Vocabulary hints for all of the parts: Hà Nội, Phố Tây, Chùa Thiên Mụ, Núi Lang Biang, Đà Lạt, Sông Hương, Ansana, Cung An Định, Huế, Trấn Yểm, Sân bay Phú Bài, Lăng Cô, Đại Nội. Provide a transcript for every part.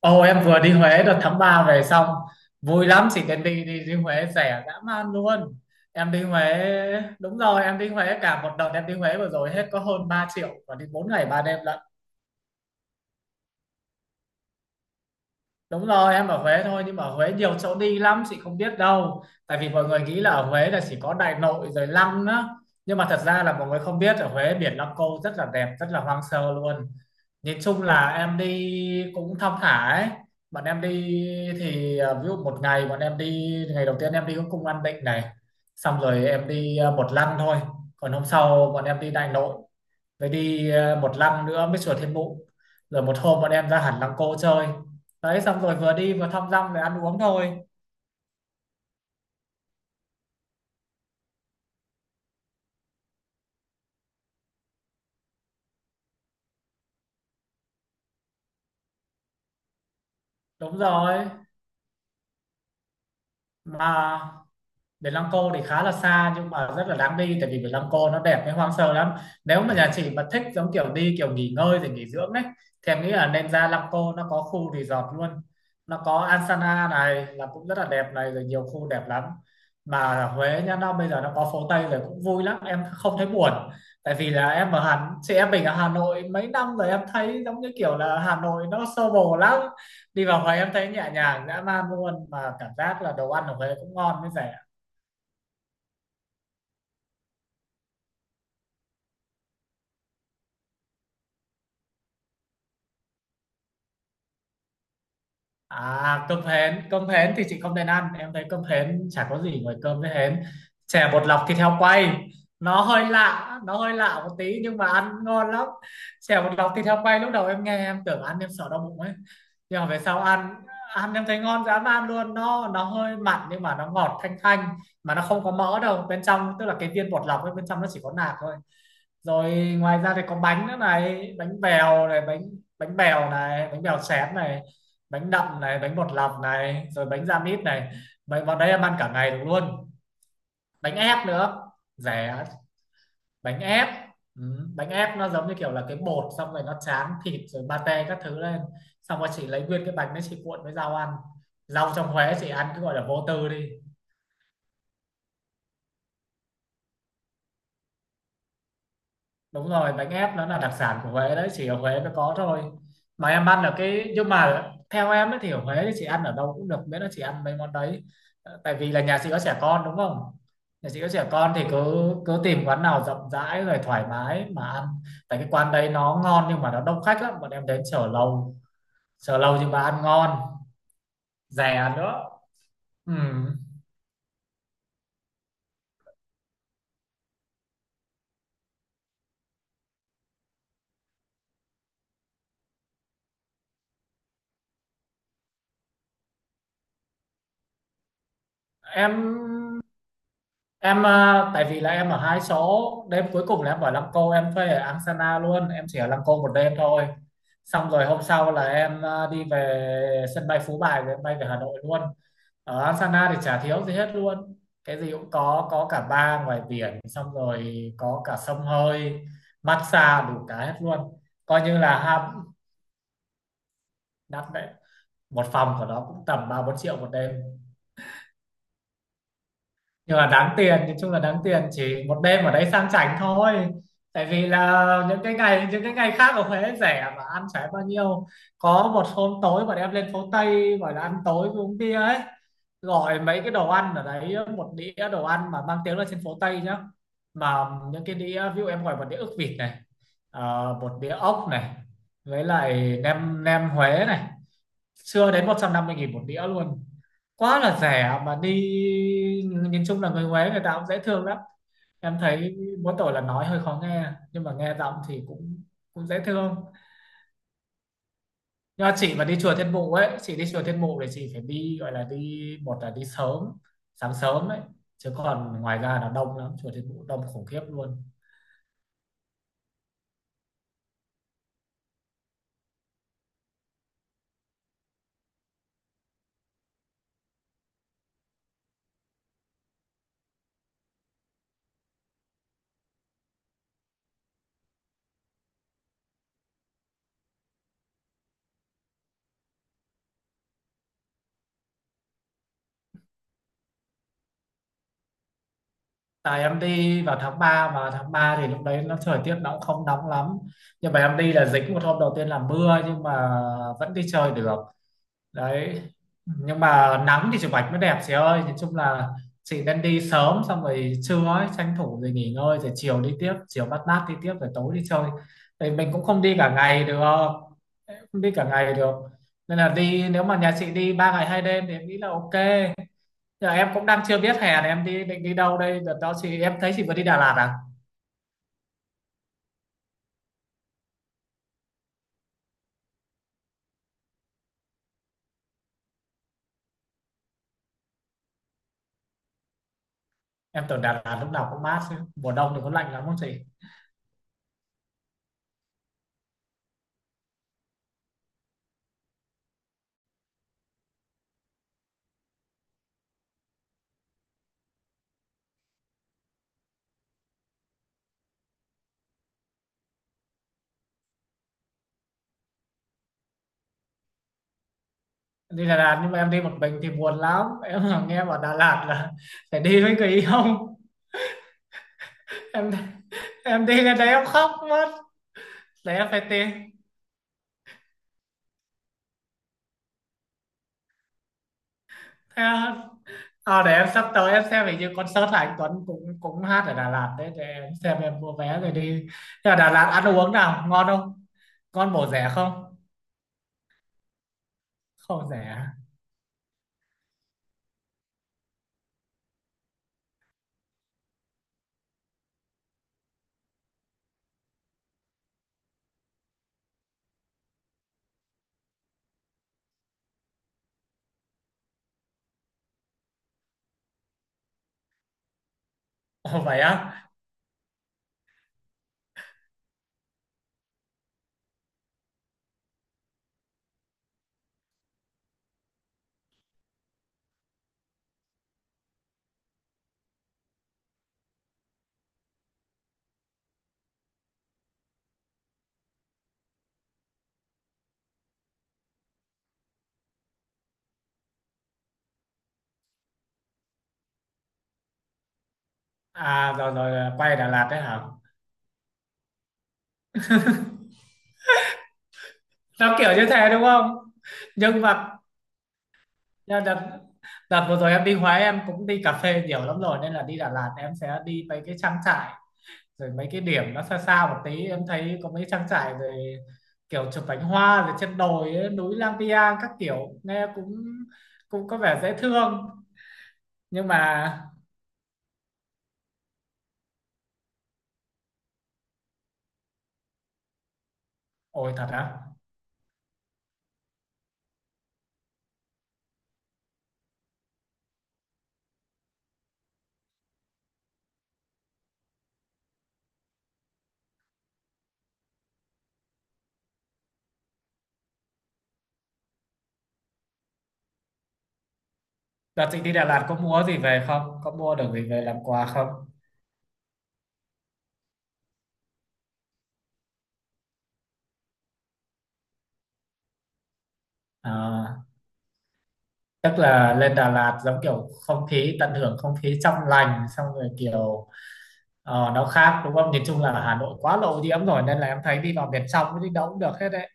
Ồ em vừa đi Huế đợt tháng 3 về xong vui lắm, chỉ cần đi đi đi Huế rẻ dã man luôn. Em đi Huế đúng rồi Em đi Huế cả một đợt, em đi Huế vừa rồi hết có hơn 3 triệu và đi 4 ngày 3 đêm lận. Đúng rồi, em ở Huế thôi nhưng mà ở Huế nhiều chỗ đi lắm chị không biết đâu. Tại vì mọi người nghĩ là ở Huế là chỉ có Đại Nội rồi Lăng á. Nhưng mà thật ra là mọi người không biết ở Huế biển Lăng Cô rất là đẹp, rất là hoang sơ luôn. Nhìn chung là em đi cũng thong thả ấy. Bọn em đi ví dụ một ngày bọn em đi, ngày đầu tiên em đi cũng cung An Định này. Xong rồi em đi một lăng thôi. Còn hôm sau bọn em đi Đại Nội. Với đi một lăng nữa mới chùa Thiên Mụ. Rồi một hôm bọn em ra hẳn Lăng Cô chơi, đấy xong rồi vừa đi vừa thăm dăm về ăn uống thôi. Đúng rồi, mà Biển Lăng Cô thì khá là xa nhưng mà rất là đáng đi, tại vì Biển Lăng Cô nó đẹp với hoang sơ lắm. Nếu mà nhà chị mà thích giống kiểu đi kiểu nghỉ ngơi rồi nghỉ dưỡng đấy, thì em nghĩ là nên ra Lăng Cô, nó có khu resort luôn. Nó có Ansana này là cũng rất là đẹp này, rồi nhiều khu đẹp lắm. Mà ở Huế nhá, nó bây giờ nó có phố Tây rồi cũng vui lắm, em không thấy buồn. Tại vì là em ở Hà, chị em mình ở Hà Nội mấy năm rồi, em thấy giống như kiểu là Hà Nội nó xô bồ lắm. Đi vào Huế em thấy nhẹ nhàng dã man luôn, mà cảm giác là đồ ăn ở Huế cũng ngon với rẻ. À cơm hến thì chị không nên ăn, em thấy cơm hến chả có gì ngoài cơm với hến. Chè bột lọc thịt heo quay, nó hơi lạ một tí nhưng mà ăn ngon lắm. Chè bột lọc thịt heo quay lúc đầu em nghe em tưởng ăn em sợ đau bụng ấy. Nhưng mà về sau ăn, ăn em thấy ngon dám ăn luôn, nó hơi mặn nhưng mà nó ngọt thanh thanh mà nó không có mỡ đâu. Bên trong tức là cái viên bột lọc ấy, bên trong nó chỉ có nạc thôi. Rồi ngoài ra thì có bánh nữa này, bánh bèo này, bánh bèo xém này, bánh đậm này, bánh bột lọc này, rồi bánh da mít này. Bánh vào đấy em ăn cả ngày được luôn. Bánh ép nữa, rẻ. Bánh ép, ừ. Bánh ép nó giống như kiểu là cái bột xong rồi nó tráng thịt rồi pate các thứ lên, xong rồi chị lấy nguyên cái bánh đấy chị cuộn với rau ăn. Rau trong Huế chị ăn cứ gọi là vô tư đi. Đúng rồi, bánh ép nó là đặc sản của Huế đấy, chỉ ở Huế mới có thôi. Mà em ăn ở cái, nhưng mà theo em ấy thì ở Huế thì chị ăn ở đâu cũng được miễn là chị ăn mấy món đấy. Ờ, tại vì là nhà chị có trẻ con đúng không, nhà chị có trẻ con thì cứ cứ tìm quán nào rộng rãi rồi thoải mái mà ăn. Tại cái quán đấy nó ngon nhưng mà nó đông khách lắm, bọn em đến chờ lâu, chờ lâu nhưng mà ăn ngon, rẻ nữa. Ừ. em Tại vì là em ở hai số đêm cuối cùng là em ở Lăng Cô, em thuê ở Angsana luôn, em chỉ ở Lăng Cô một đêm thôi. Xong rồi hôm sau là em đi về sân bay Phú Bài rồi em bay về Hà Nội luôn. Ở Angsana thì chả thiếu gì hết luôn, cái gì cũng có cả bar ngoài biển, xong rồi có cả sông hơi, massage đủ cả hết luôn. Coi như là ham, đắt đấy, một phòng của nó cũng tầm 3-4 triệu một đêm. Nhưng mà đáng tiền, nói chung là đáng tiền, chỉ một đêm ở đấy sang chảnh thôi. Tại vì là những cái ngày khác ở Huế rẻ mà ăn chả bao nhiêu. Có một hôm tối bọn em lên phố Tây gọi là ăn tối với uống bia ấy, gọi mấy cái đồ ăn ở đấy, một đĩa đồ ăn mà mang tiếng là trên phố Tây nhá, mà những cái đĩa ví dụ em gọi một đĩa ức vịt này, ờ, một đĩa ốc này, với lại nem nem Huế này, chưa đến 150.000 một đĩa luôn, quá là rẻ mà đi. Nhìn chung là người Huế người ta cũng dễ thương lắm, em thấy mỗi tội là nói hơi khó nghe, nhưng mà nghe giọng thì cũng cũng dễ thương. Nhưng mà chị mà đi chùa Thiên Mụ ấy, chị đi chùa Thiên Mụ thì chị phải đi, gọi là đi một là đi sớm, sáng sớm ấy, chứ còn ngoài ra là đông lắm, chùa Thiên Mụ đông khủng khiếp luôn. Tại em đi vào tháng 3 mà tháng 3 thì lúc đấy nó thời tiết nó cũng không nóng lắm, nhưng mà em đi là dính một hôm đầu tiên là mưa nhưng mà vẫn đi chơi được đấy. Nhưng mà nắng thì chụp ảnh mới đẹp chị ơi, nói chung là chị nên đi sớm, xong rồi trưa ấy tranh thủ rồi nghỉ ngơi, rồi chiều đi tiếp, chiều mát mát đi tiếp, rồi tối đi chơi, thì mình cũng không đi cả ngày được, không đi cả ngày được. Nên là đi nếu mà nhà chị đi 3 ngày 2 đêm thì em nghĩ là ok. Giờ em cũng đang chưa biết hè này em đi, định đi đâu đây. Đợt đó chị, em thấy chị vừa đi Đà Lạt à, em tưởng Đà Lạt lúc nào cũng mát chứ, mùa đông thì có lạnh lắm không chị? Đi Đà Lạt nhưng mà em đi một mình thì buồn lắm em, là nghe bảo Đà Lạt là phải đi với người yêu. em em đi lên đấy em khóc mất, để em phải tìm. Thế à, để em sắp tới em xem hình như concert là anh Tuấn cũng cũng hát ở Đà Lạt đấy, để em xem em mua vé rồi đi. Nhưng mà Đà Lạt ăn uống nào ngon không, ngon bổ rẻ không? Không rẻ. Ồ, vậy á. À rồi rồi, quay Đà Lạt đấy hả? Nó kiểu như thế đúng không? Nhưng mà nhưng đợt đợt vừa rồi em đi Huế em cũng đi cà phê nhiều lắm rồi, nên là đi Đà Lạt em sẽ đi mấy cái trang trại, rồi mấy cái điểm nó xa xa một tí, em thấy có mấy trang trại rồi, kiểu chụp cánh hoa rồi trên đồi ấy, núi Lang Biang các kiểu, nghe cũng cũng có vẻ dễ thương. Nhưng mà ôi thật á? Đợt chị đi Đà Lạt có mua gì về không, có mua được gì về làm quà không? À, tức là lên Đà Lạt giống kiểu không khí, tận hưởng không khí trong lành, xong rồi kiểu ờ, nó khác đúng không? Nhìn chung là Hà Nội quá là ô rồi, nên là em thấy đi vào miền trong đi đâu cũng được hết đấy.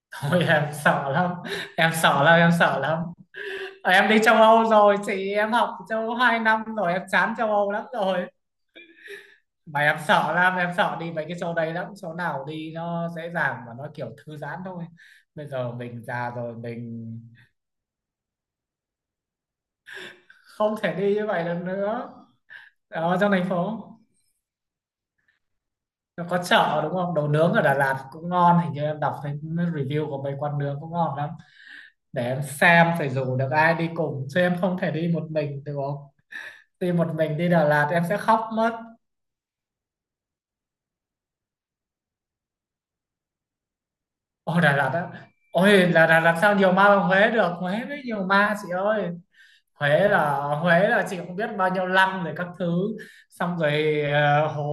Thôi em sợ lắm, em sợ lắm, em sợ lắm. Ờ, em đi châu Âu rồi chị, em học châu Âu 2 năm rồi, em chán châu Âu lắm rồi. Mà em sợ lắm, em sợ đi mấy cái chỗ đấy lắm, chỗ nào đi nó dễ dàng và nó kiểu thư giãn thôi. Bây giờ mình già rồi mình không thể đi như vậy được nữa. Ở trong thành phố. Nó có chợ đúng không, đồ nướng ở Đà Lạt cũng ngon, hình như em đọc thấy review của mấy quán nướng cũng ngon lắm. Để em xem phải rủ được ai đi cùng chứ em không thể đi một mình được, không đi một mình. Đi Đà Lạt em sẽ khóc mất. Ôi Đà Lạt á, ôi là Đà Lạt sao nhiều ma bằng Huế được, Huế mới nhiều ma chị ơi. Huế là Huế là chị không biết bao nhiêu lăng rồi các thứ, xong rồi ờ, hồ,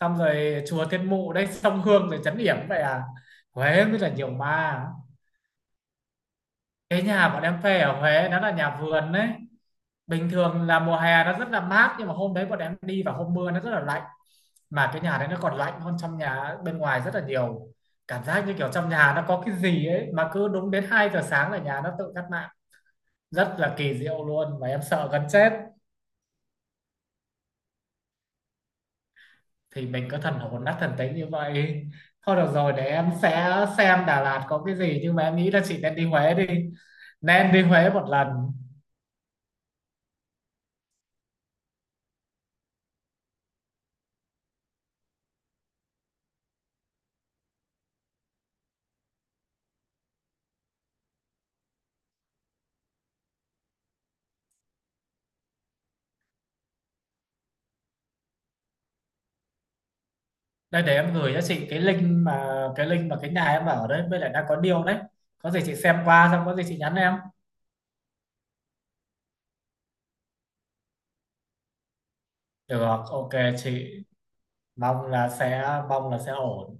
xong rồi chùa Thiên Mụ đây, sông Hương rồi trấn Yểm, vậy à, Huế mới là nhiều ma. Cái nhà bọn em thuê ở Huế nó là nhà vườn đấy, bình thường là mùa hè nó rất là mát nhưng mà hôm đấy bọn em đi vào hôm mưa nó rất là lạnh, mà cái nhà đấy nó còn lạnh hơn trong nhà bên ngoài rất là nhiều. Cảm giác như kiểu trong nhà nó có cái gì ấy, mà cứ đúng đến 2 giờ sáng là nhà nó tự tắt mạng, rất là kỳ diệu luôn, và em sợ gần chết. Thì mình cứ thần hồn nát thần tính như vậy. Thôi được rồi, để em sẽ xem Đà Lạt có cái gì, nhưng mà em nghĩ là chị nên đi Huế đi, nên đi Huế một lần. Đây để em gửi cho chị cái link mà, cái nhà em ở đấy với lại đang có deal đấy. Có gì chị xem qua xong có gì chị nhắn em. Được, ok chị. mong là sẽ Mong là sẽ ổn.